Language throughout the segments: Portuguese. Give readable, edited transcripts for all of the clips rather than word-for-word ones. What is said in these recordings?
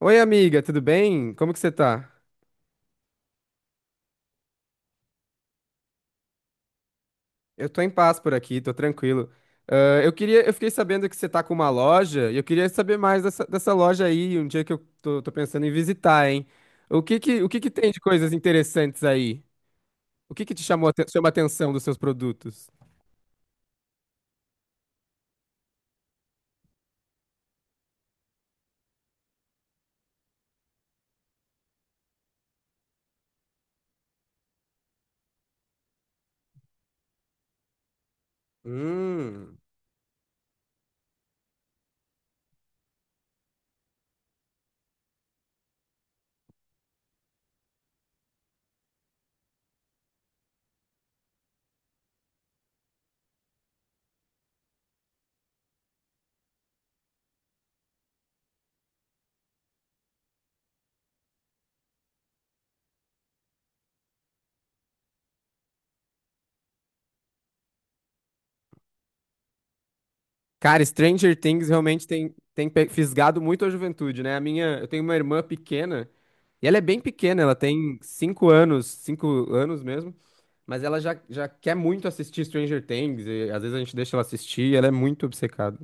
Oi, amiga, tudo bem? Como que você tá? Eu tô em paz por aqui, tô tranquilo. Eu fiquei sabendo que você tá com uma loja e eu queria saber mais dessa loja aí, um dia que eu tô pensando em visitar, hein? O que que tem de coisas interessantes aí? O que que te chamou, a te- chama a atenção dos seus produtos? Hum. Cara, Stranger Things realmente fisgado muito a juventude, né? A minha, eu tenho uma irmã pequena, e ela é bem pequena, ela tem cinco anos mesmo, mas ela já quer muito assistir Stranger Things, e às vezes a gente deixa ela assistir, e ela é muito obcecada.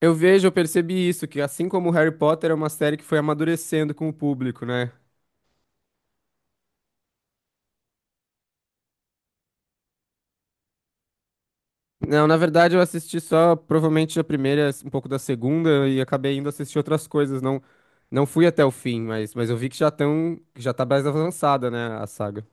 Eu percebi isso, que assim como Harry Potter é uma série que foi amadurecendo com o público, né? Não, na verdade eu assisti só provavelmente a primeira, um pouco da segunda e acabei indo assistir outras coisas, não fui até o fim, mas eu vi que que já tá mais avançada, né, a saga.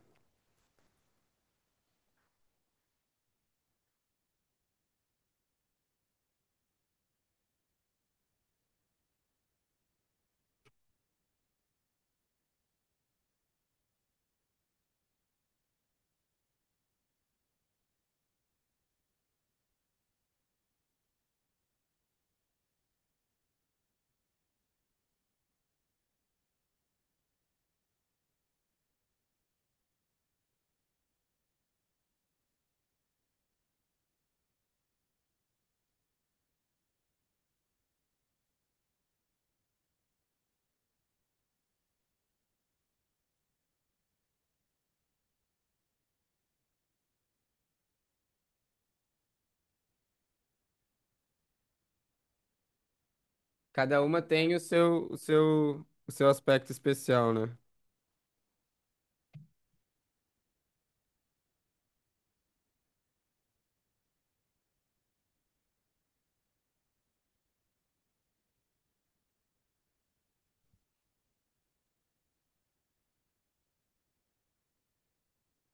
Cada uma tem o seu aspecto especial, né?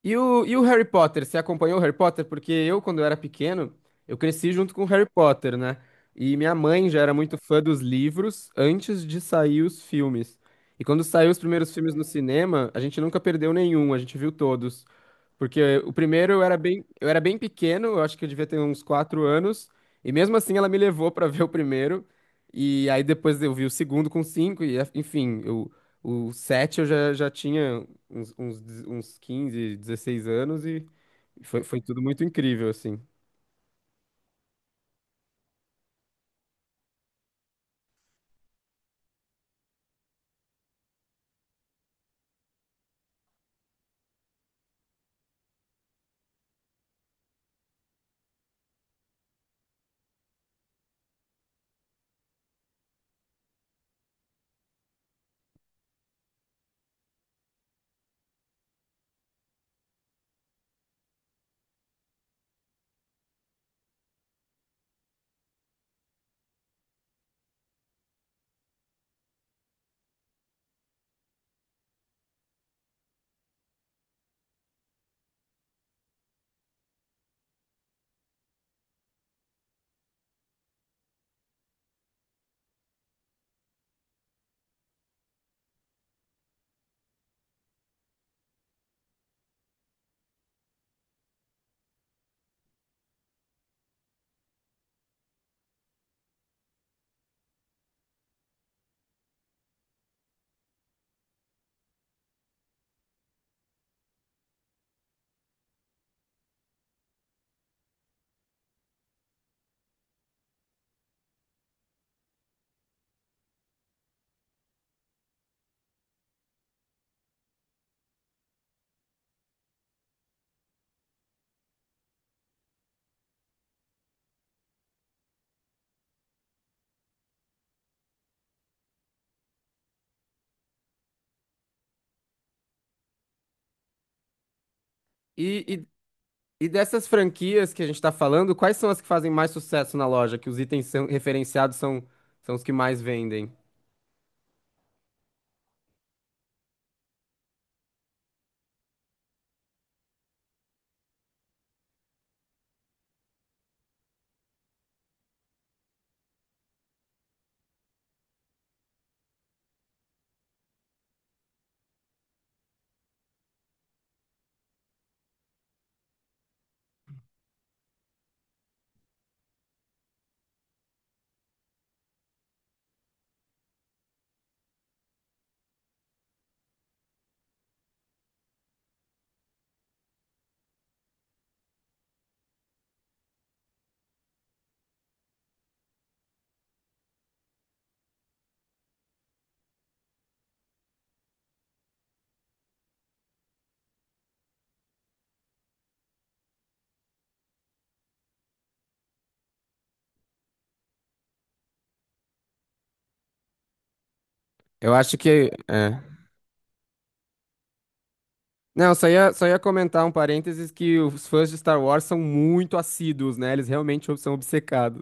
E o Harry Potter? Você acompanhou o Harry Potter? Porque eu, quando eu era pequeno, eu cresci junto com o Harry Potter, né? E minha mãe já era muito fã dos livros antes de sair os filmes. E quando saiu os primeiros filmes no cinema, a gente nunca perdeu nenhum, a gente viu todos. Porque o primeiro eu era bem pequeno, eu acho que eu devia ter uns quatro anos, e mesmo assim ela me levou pra ver o primeiro. E aí depois eu vi o segundo com cinco, e enfim, eu, o sete já tinha uns 15, 16 anos e foi tudo muito incrível, assim. E, e dessas franquias que a gente tá falando, quais são as que fazem mais sucesso na loja? Que os referenciados são os que mais vendem? Eu acho que. É. Não, só ia comentar um parênteses que os fãs de Star Wars são muito assíduos, né? Eles realmente são obcecados.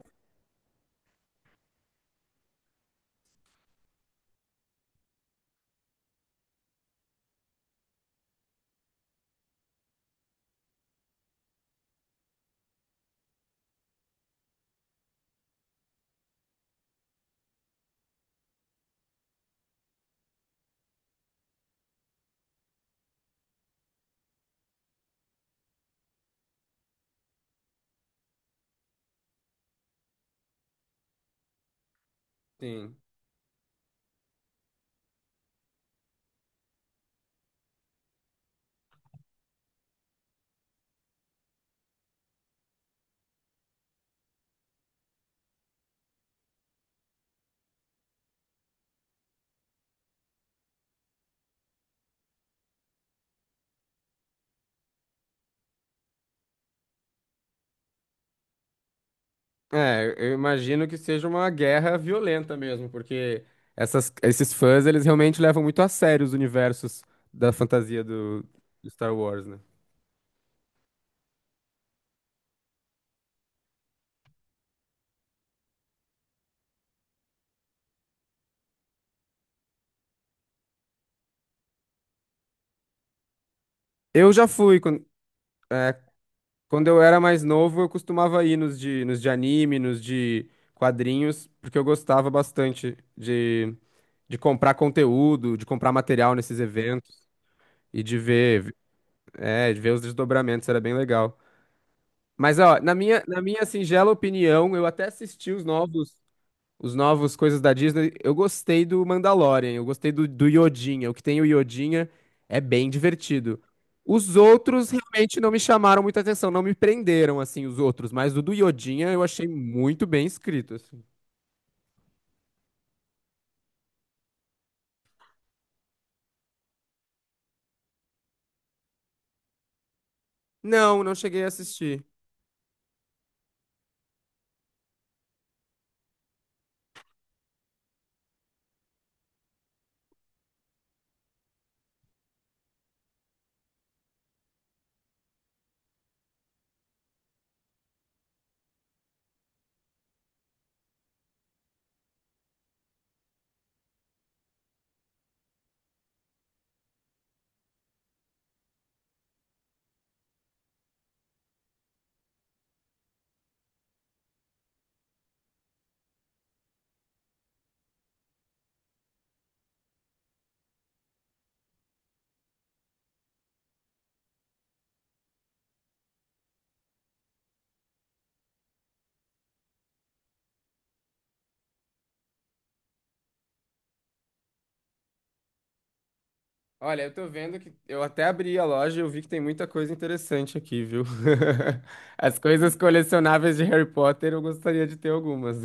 Sim. É, eu imagino que seja uma guerra violenta mesmo, porque esses fãs, eles realmente levam muito a sério os universos da fantasia do, do Star Wars, né? Eu já fui, quando, é, Quando eu era mais novo, eu costumava ir nos de anime, nos de quadrinhos, porque eu gostava de comprar conteúdo, de comprar material nesses eventos e de ver os desdobramentos, era bem legal. Mas, ó, na minha singela opinião, eu até assisti os novos. Os novos coisas da Disney, eu gostei do Mandalorian, eu gostei do Yodinha. O que tem o Yodinha é bem divertido. Os outros realmente não me chamaram muita atenção, não me prenderam, assim, os outros. Mas o do Yodinha eu achei muito bem escrito, assim. Não, não cheguei a assistir. Olha, eu tô vendo que eu até abri a loja e eu vi que tem muita coisa interessante aqui, viu? As coisas colecionáveis de Harry Potter, eu gostaria de ter algumas.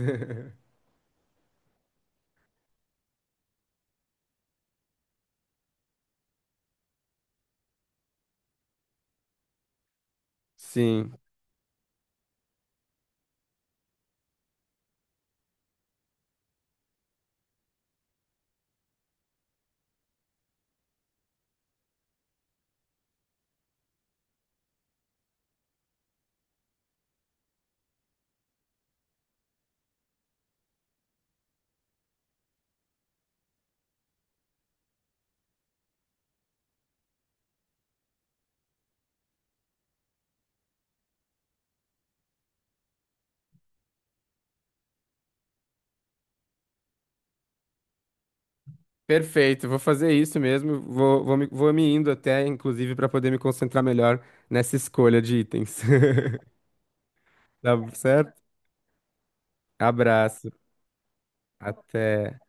Sim. Perfeito, vou fazer isso mesmo. Vou me indo até, inclusive, para poder me concentrar melhor nessa escolha de itens. Tá certo? Abraço, até.